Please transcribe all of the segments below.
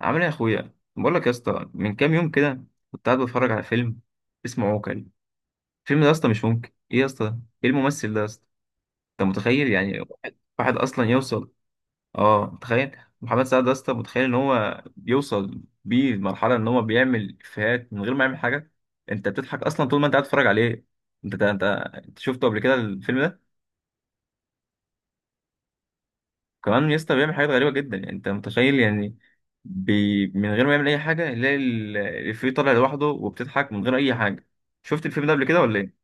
عامل ايه يا اخويا؟ بقول لك يا اسطى، من كام يوم كده كنت قاعد بتفرج على فيلم اسمه عوكل. الفيلم ده يا اسطى مش ممكن، ايه يا اسطى، ايه الممثل ده يا اسطى؟ انت متخيل يعني واحد اصلا يوصل؟ اه، تخيل محمد سعد ده يا اسطى، متخيل ان هو بيوصل بيه لمرحله ان هو بيعمل افيهات من غير ما يعمل حاجه. انت بتضحك اصلا طول ما انت قاعد تتفرج عليه. انت انت انت شفته قبل كده الفيلم ده؟ كمان يسطا بيعمل حاجات غريبة جدا، يعني انت متخيل يعني؟ من غير ما يعمل اي حاجة يلاقي الإفيه طالع لوحده وبتضحك من غير اي حاجة. شفت الفيلم ده قبل كده ولا ايه؟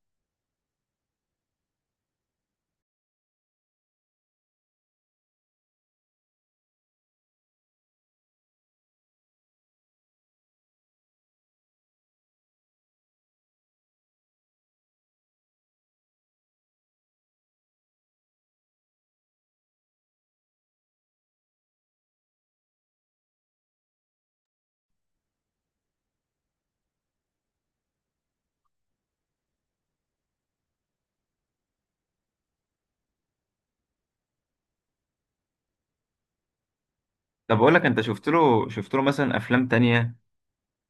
طب اقول لك، انت شفت له مثلا افلام تانية،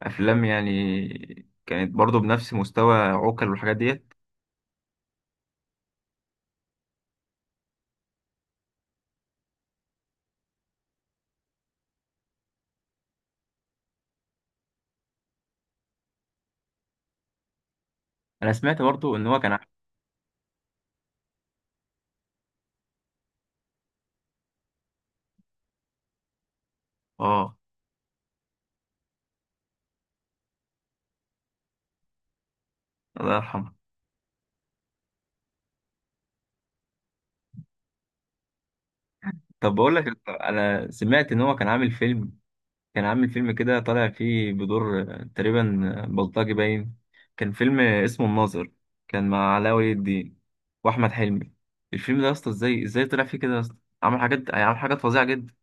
افلام يعني كانت برضه بنفس مستوى عوكل والحاجات ديت؟ انا سمعت برضه ان هو اه، الله يرحمه. طب بقول لك، انا سمعت ان هو كان عامل فيلم، كان عامل فيلم كده طالع فيه بدور تقريبا بلطجي باين. كان فيلم اسمه الناظر، كان مع علاء ولي الدين واحمد حلمي. الفيلم ده يا اسطى ازاي طلع فيه كده يا اسطى؟ عمل حاجات فظيعه جدا.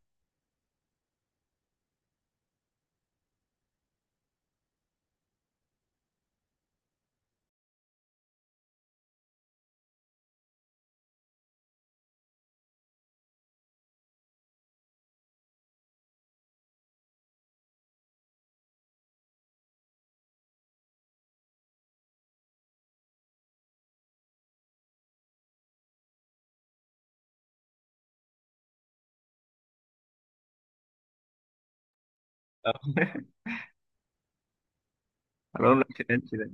حرام لك القرش ده.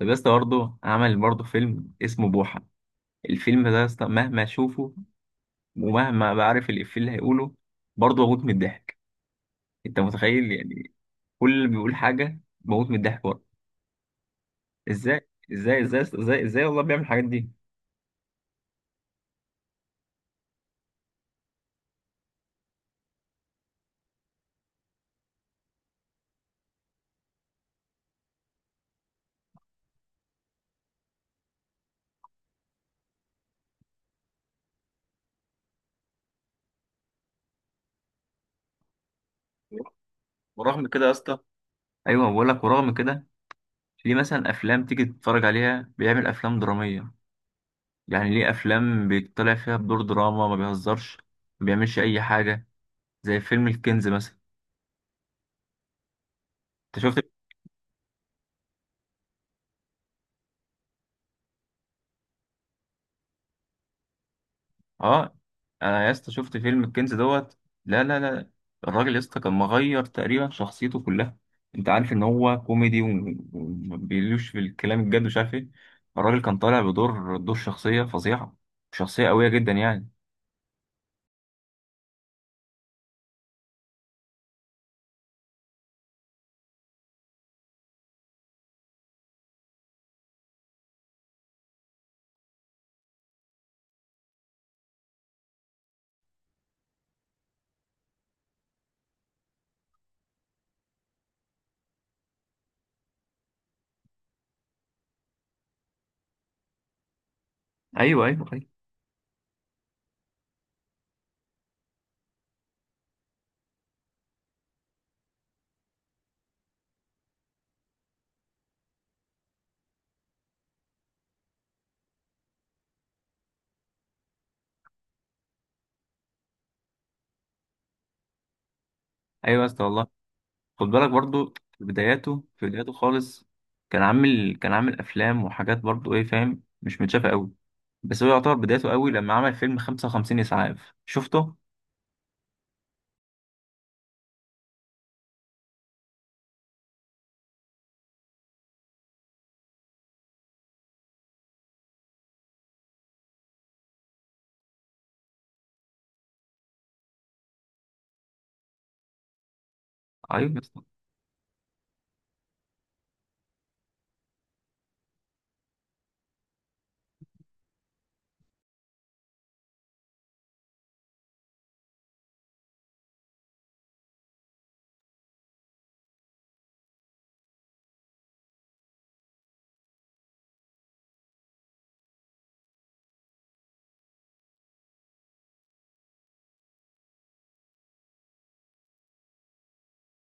طب يا اسطى برضه عمل برضه فيلم اسمه بوحة، الفيلم ده يا اسطى مهما اشوفه ومهما بعرف الإفيه اللي هيقوله برضه بموت من الضحك. انت متخيل يعني؟ كل اللي بيقول حاجة بموت من الضحك برضه. ازاي ازاي ازاي ازاي ازاي والله بيعمل الحاجات دي؟ ورغم كده يا اسطى، ايوه بقول لك، ورغم كده ليه مثلا افلام تيجي تتفرج عليها بيعمل افلام دراميه؟ يعني ليه افلام بيطلع فيها بدور دراما ما بيهزرش، ما بيعملش اي حاجه، زي فيلم الكنز مثلا؟ انت شفت؟ اه، انا يا اسطى شفت فيلم الكنز دوت. لا لا لا، الراجل يا اسطى كان مغير تقريبا شخصيته كلها. انت عارف ان هو كوميدي وما بيقولوش في الكلام الجد ومش عارف ايه. الراجل كان طالع بدور شخصيه فظيعه، شخصيه قويه جدا يعني. ايوه ايوه ايوه. ايوه يا اسطى والله. خد بالك برضو في بداياته خالص، كان عامل افلام وحاجات برضو، ايه فاهم، مش متشافه قوي. بس هو يعتبر بدايته قوي لما عمل فيلم 55 اسعاف. شفته؟ ايوه يا اسطى.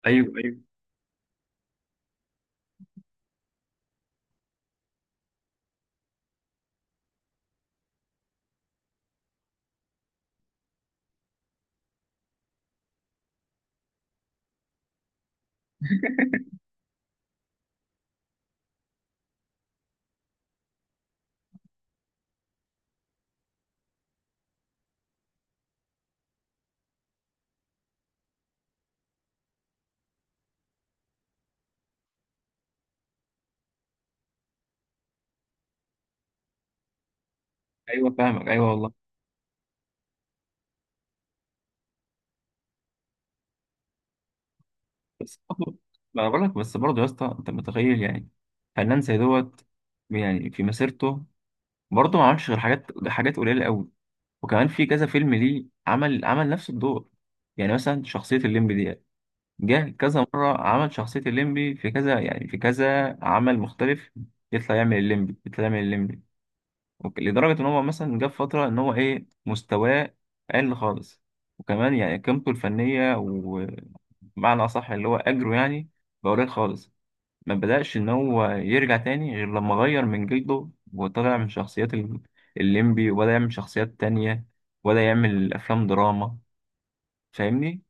ايوه ايوه ايوه فاهمك ايوه والله. بس برضو، ما انا بقول لك بس برضو يا اسطى، انت متخيل يعني؟ فنان زي دوت، يعني في مسيرته برضو ما عملش غير حاجات حاجات قليله قوي. وكمان في كذا فيلم ليه عمل نفس الدور؟ يعني مثلا شخصيه الليمبي دي جه كذا مرة عمل شخصية الليمبي، في كذا يعني في كذا عمل مختلف يطلع يعمل الليمبي، يطلع يعمل الليمبي. لدرجة إن هو مثلا جه في فترة إن هو إيه، مستواه قل خالص. وكمان يعني قيمته الفنية ومعنى أصح اللي هو أجره يعني بقى قليل خالص. ما بدأش إن هو يرجع تاني غير لما غير من جلده وطلع من شخصيات الليمبي وبدأ يعمل شخصيات تانية وبدأ يعمل أفلام دراما. فاهمني؟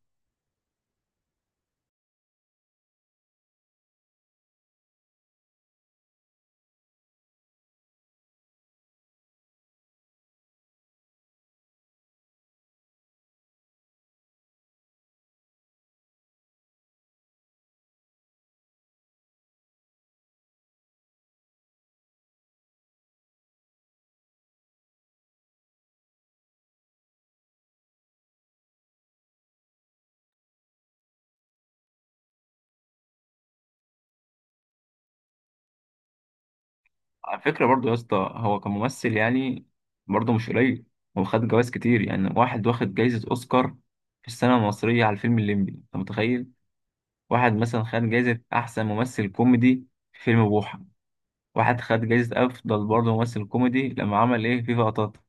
على فكرة برضو يا اسطى، هو كممثل يعني برضو مش قليل. هو خد جوائز كتير يعني. واحد واخد جايزة أوسكار في السينما المصرية على الفيلم الليمبي، أنت متخيل؟ واحد مثلا خد جايزة أحسن ممثل كوميدي في فيلم بوحة. واحد خد جايزة أفضل برضو ممثل كوميدي لما عمل إيه فيفا قطاطا.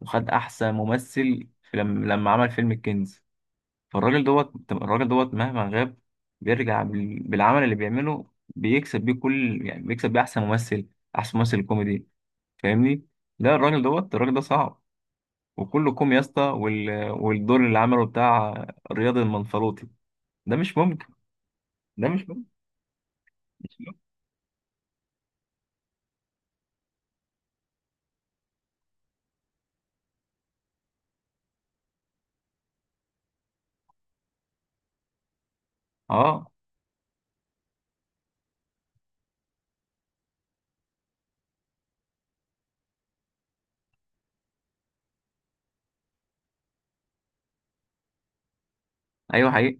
وخد أحسن ممثل في لما عمل فيلم الكنز. فالراجل دوت، الراجل دوت مهما غاب بيرجع بالعمل اللي بيعمله. بيكسب بيه أحسن ممثل، أحسن ممثل كوميدي. فاهمني؟ لا، الراجل دوت، الراجل ده صعب. وكله كوم يا اسطى، والدور اللي عمله بتاع رياض المنفلوطي ده مش ممكن. ده مش ممكن. مش ممكن. اه. ايوه حقيقي.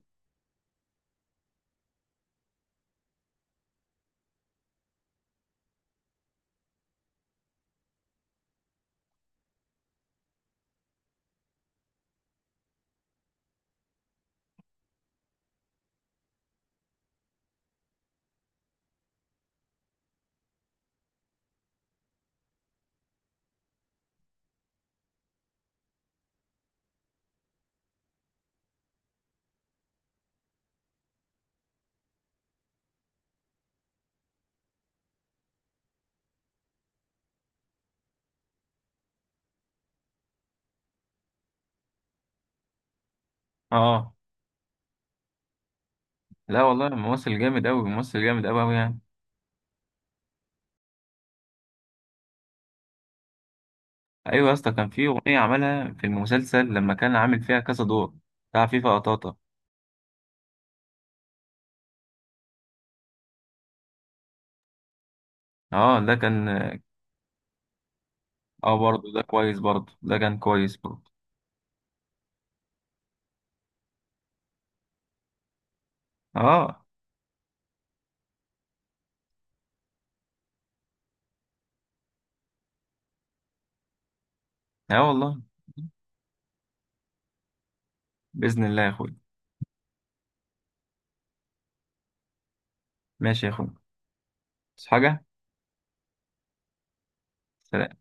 اه، لا والله ممثل جامد قوي، ممثل جامد قوي قوي يعني. ايوه يا اسطى، كان في اغنيه عملها في المسلسل لما كان عامل فيها كذا دور بتاع فيفا قطاطا. اه، ده كان. اه، برضه ده كويس، برضه ده كان كويس برضه. اه، اه والله. باذن الله يا اخوي. ماشي يا اخوي. بس حاجه. سلام.